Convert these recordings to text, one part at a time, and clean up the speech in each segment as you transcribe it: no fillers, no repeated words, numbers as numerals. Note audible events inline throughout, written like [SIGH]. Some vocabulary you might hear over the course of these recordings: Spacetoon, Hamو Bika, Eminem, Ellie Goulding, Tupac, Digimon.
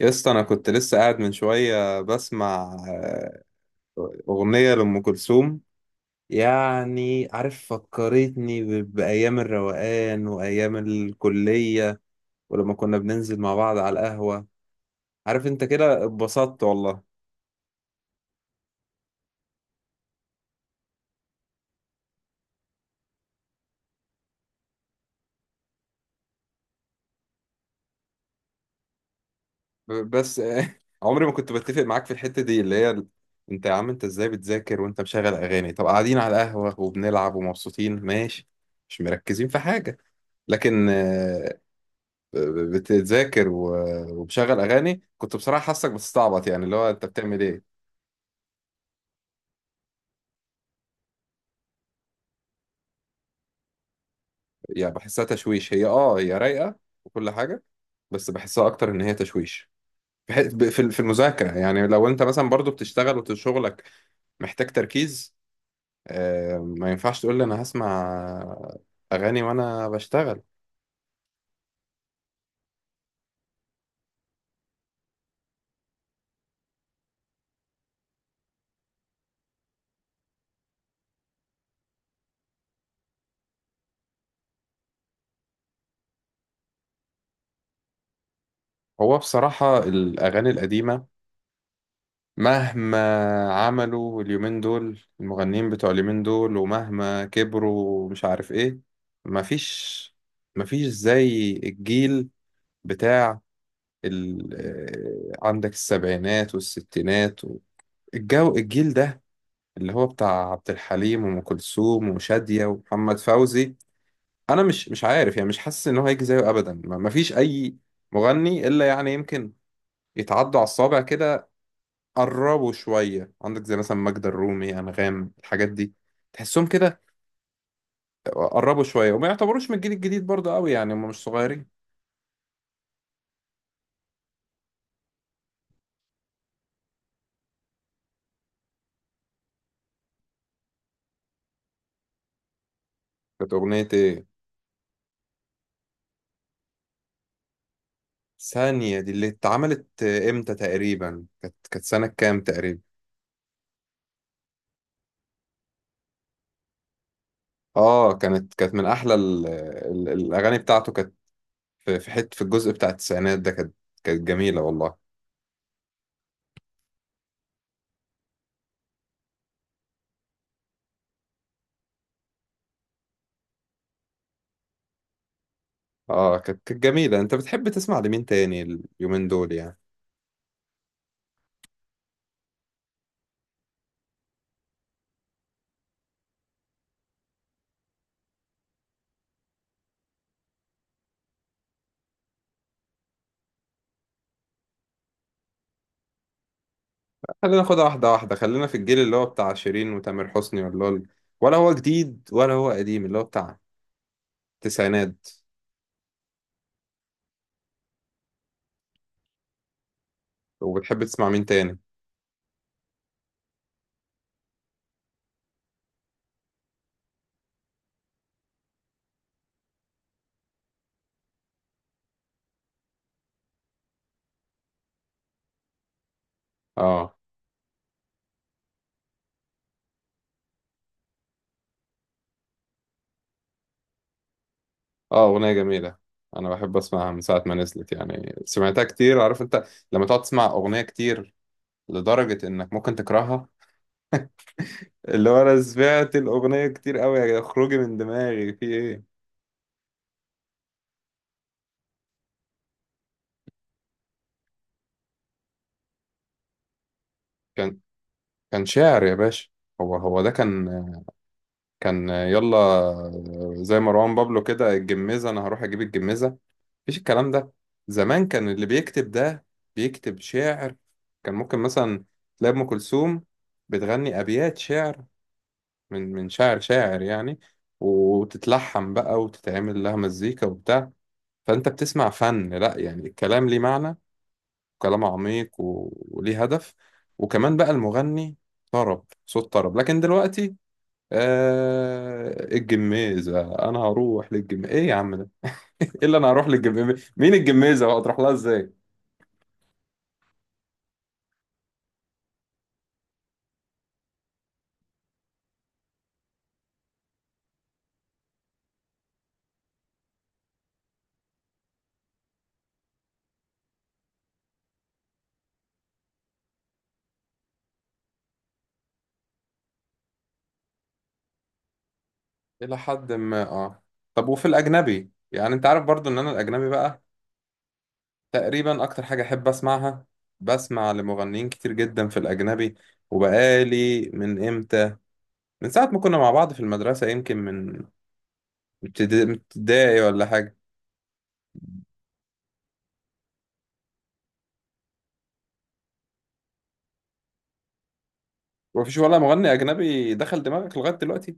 يا اسطى انا كنت لسه قاعد من شويه بسمع آه، اغنيه لام كلثوم. يعني عارف، فكرتني بايام الروقان وايام الكليه، ولما كنا بننزل مع بعض على القهوه. عارف انت كده، اتبسطت والله. بس [LAUGHS] عمري ما كنت بتفق معاك في الحته دي اللي هي انت يا عم، انت ازاي بتذاكر وانت مشغل اغاني؟ طب قاعدين على القهوه وبنلعب ومبسوطين ماشي، مش مركزين في حاجه. لكن بتذاكر ومشغل اغاني، كنت بصراحه حاسك بتستعبط، يعني اللي هو انت بتعمل ايه؟ يعني بحسها تشويش. هي اه هي رايقه وكل حاجه، بس بحسها اكتر ان هي تشويش في في المذاكره. يعني لو انت مثلا برضو بتشتغل وشغلك محتاج تركيز، ما ينفعش تقول لي انا هسمع اغاني وانا بشتغل. هو بصراحه الاغاني القديمه، مهما عملوا اليومين دول المغنيين بتوع اليومين دول، ومهما كبروا مش عارف ايه، مفيش، مفيش زي الجيل بتاع ال... عندك السبعينات والستينات و... الجو الجيل ده، اللي هو بتاع عبد الحليم وأم كلثوم وشادية ومحمد فوزي. أنا مش عارف يعني، مش حاسس إن هو هيجي زيه أبدا، مفيش أي مغني، إلا يعني يمكن يتعدوا على الصابع كده. قربوا شوية، عندك زي مثلا ماجدة الرومي، أنغام، الحاجات دي تحسهم كده قربوا شوية، وما يعتبروش من الجيل الجديد برضه قوي يعني، هم مش صغيرين. كانت أغنية إيه؟ ثانية دي اللي اتعملت إمتى تقريبا؟ كانت سنة كام تقريبا؟ آه كانت من أحلى ال... ال... الأغاني بتاعته. كانت في في حتة، في الجزء بتاع التسعينات ده، كانت كانت جميلة والله. آه كانت جميلة. أنت بتحب تسمع لمين تاني اليومين دول يعني؟ خلينا ناخدها واحدة واحدة، خلينا في الجيل اللي هو بتاع شيرين وتامر حسني، ولا ولا هو جديد ولا هو قديم، اللي هو بتاع التسعينات؟ وبتحب تسمع مين تاني؟ اه. اه أغنية جميلة، أنا بحب أسمعها من ساعة ما نزلت، يعني سمعتها كتير. عارف أنت لما تقعد تسمع أغنية كتير لدرجة إنك ممكن تكرهها؟ اللي هو أنا سمعت الأغنية كتير أوي، يا جدع، اخرجي من دماغي، في إيه؟ كان كان شاعر يا باشا. هو ده كان كان يلا زي مروان بابلو كده، الجميزة، أنا هروح أجيب الجميزة، مفيش الكلام ده. زمان كان اللي بيكتب ده بيكتب شعر، كان ممكن مثلا تلاقي أم كلثوم بتغني أبيات شعر من شاعر، شاعر يعني، وتتلحن بقى وتتعمل لها مزيكا وبتاع، فأنت بتسمع فن. لأ يعني الكلام ليه معنى، وكلام عميق وليه هدف. وكمان بقى المغني طرب، صوت طرب. لكن دلوقتي آه الجميزة، أنا هروح للجميزة، إيه يا عم ده؟ إيه اللي أنا هروح للجميزة؟ مين الجميزة بقى تروح لها إزاي؟ إلى حد ما اه. طب وفي الأجنبي؟ يعني أنت عارف برضو إن أنا الأجنبي بقى تقريبا أكتر حاجة أحب أسمعها، بسمع لمغنيين كتير جدا في الأجنبي، وبقالي من إمتى، من ساعة ما كنا مع بعض في المدرسة، يمكن من ابتدائي ولا حاجة. مفيش ولا مغني أجنبي دخل دماغك لغاية دلوقتي؟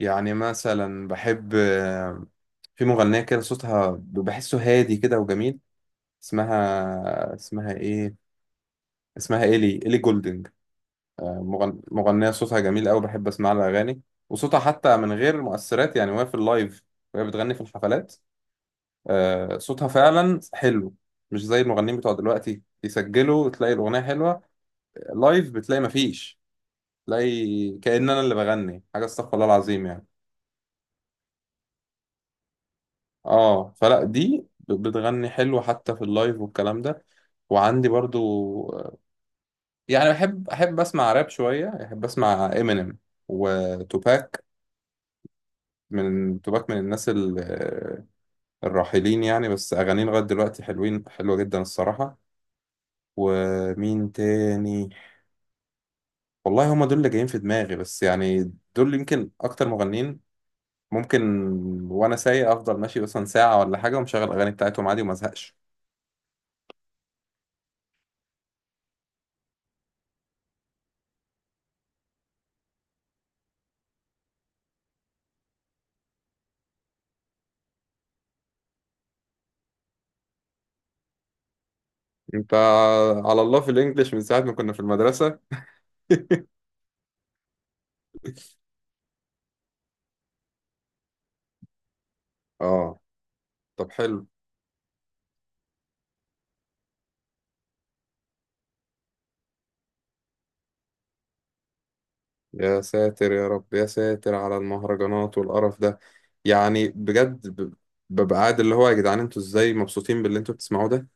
يعني مثلا بحب، في مغنية كده صوتها بحسه هادي كده وجميل، اسمها إيه، اسمها إيلي، إيلي جولدنج. مغنية صوتها جميل قوي، بحب اسمع لها اغاني. وصوتها حتى من غير مؤثرات، يعني وهي في اللايف وهي بتغني في الحفلات، صوتها فعلا حلو. مش زي المغنيين بتوع دلوقتي، يسجلوا تلاقي الاغنية حلوة، لايف بتلاقي مفيش، تلاقي كأن انا اللي بغني حاجة، استغفر الله العظيم يعني. اه فلا دي بتغني حلو حتى في اللايف والكلام ده. وعندي برضو يعني احب اسمع راب شوية، احب اسمع امينيم وتوباك. من توباك من الناس الراحلين يعني، بس أغانيه لغاية دلوقتي حلوين، حلوة جدا الصراحة. ومين تاني؟ والله هما دول اللي جايين في دماغي بس يعني، دول يمكن أكتر مغنيين ممكن، وأنا سايق أفضل ماشي مثلا ساعة ولا حاجة ومشغل الأغاني بتاعتهم عادي وما أزهقش. أنت على الله في الإنجليش من ساعة ما كنا في المدرسة. [LAUGHS] آه. طب حلو. يا ساتر يا رب، يا ساتر على المهرجانات والقرف ده، يعني بجد ببقى قاعد اللي هو، يا جدعان انتوا ازاي مبسوطين باللي انتوا بتسمعوه ده؟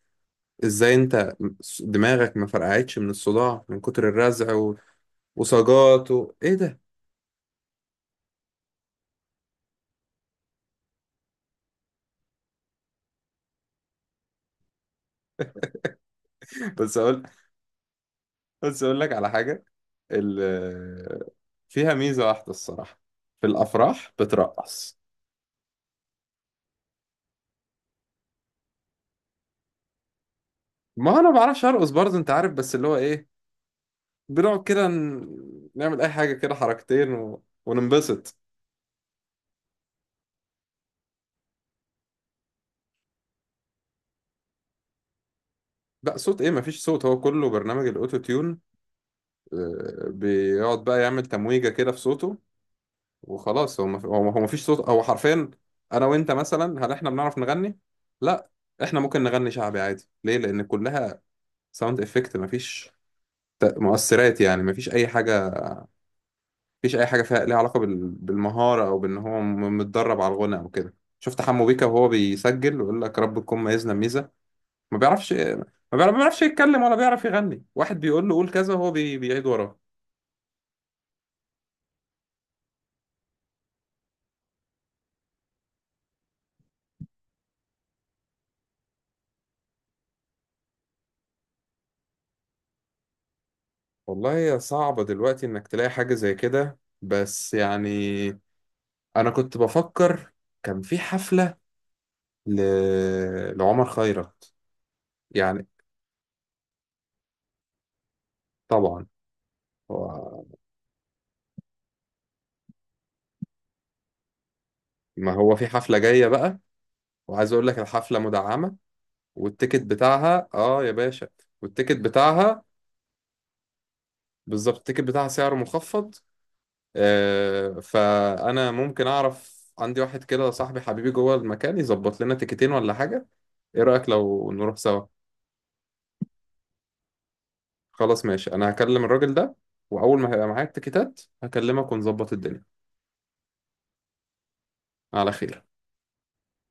ازاي انت دماغك ما فرقعتش من الصداع من كتر الرزع و... وسجاط و... ايه ده؟ [LAUGHS] بس اقول بس اقول لك على حاجة، ال... فيها ميزة واحدة الصراحة، في الافراح بترقص. ما انا ما بعرفش ارقص برضه انت عارف، بس اللي هو ايه، بنقعد كده نعمل اي حاجة كده، حركتين و... وننبسط. لا صوت ايه؟ مفيش صوت، هو كله برنامج الاوتو تيون، بيقعد بقى يعمل تمويجة كده في صوته وخلاص. هو مفيش صوت، هو حرفيا، انا وانت مثلا هل احنا بنعرف نغني؟ لا، احنا ممكن نغني شعبي عادي. ليه؟ لان كلها ساوند افكت، مفيش مؤثرات، يعني مفيش اي حاجة، مفيش اي حاجة فيها ليها علاقة بال... بالمهارة او بان هو متدرب على الغنى او كده. شفت حمو بيكا وهو بيسجل ويقول لك رب تكون ميزنا ميزة، ما بيعرفش، ما بيعرفش يتكلم ولا بيعرف يغني، واحد بيقول له قول كذا وهو بيعيد وراه. والله هي صعبة دلوقتي انك تلاقي حاجة زي كده، بس يعني انا كنت بفكر، كان في حفلة ل... لعمر خيرت. يعني طبعا هو... ما هو في حفلة جاية بقى، وعايز اقول لك الحفلة مدعمة، والتيكت بتاعها اه يا باشا، والتيكت بتاعها، بالظبط، التيكت بتاعها سعره مخفض، فانا ممكن اعرف عندي واحد كده صاحبي حبيبي جوه المكان يظبط لنا تيكتين ولا حاجه. ايه رايك لو نروح سوا؟ خلاص ماشي، انا هكلم الراجل ده، واول ما هيبقى معايا التيكتات هكلمك ونظبط الدنيا. على خير.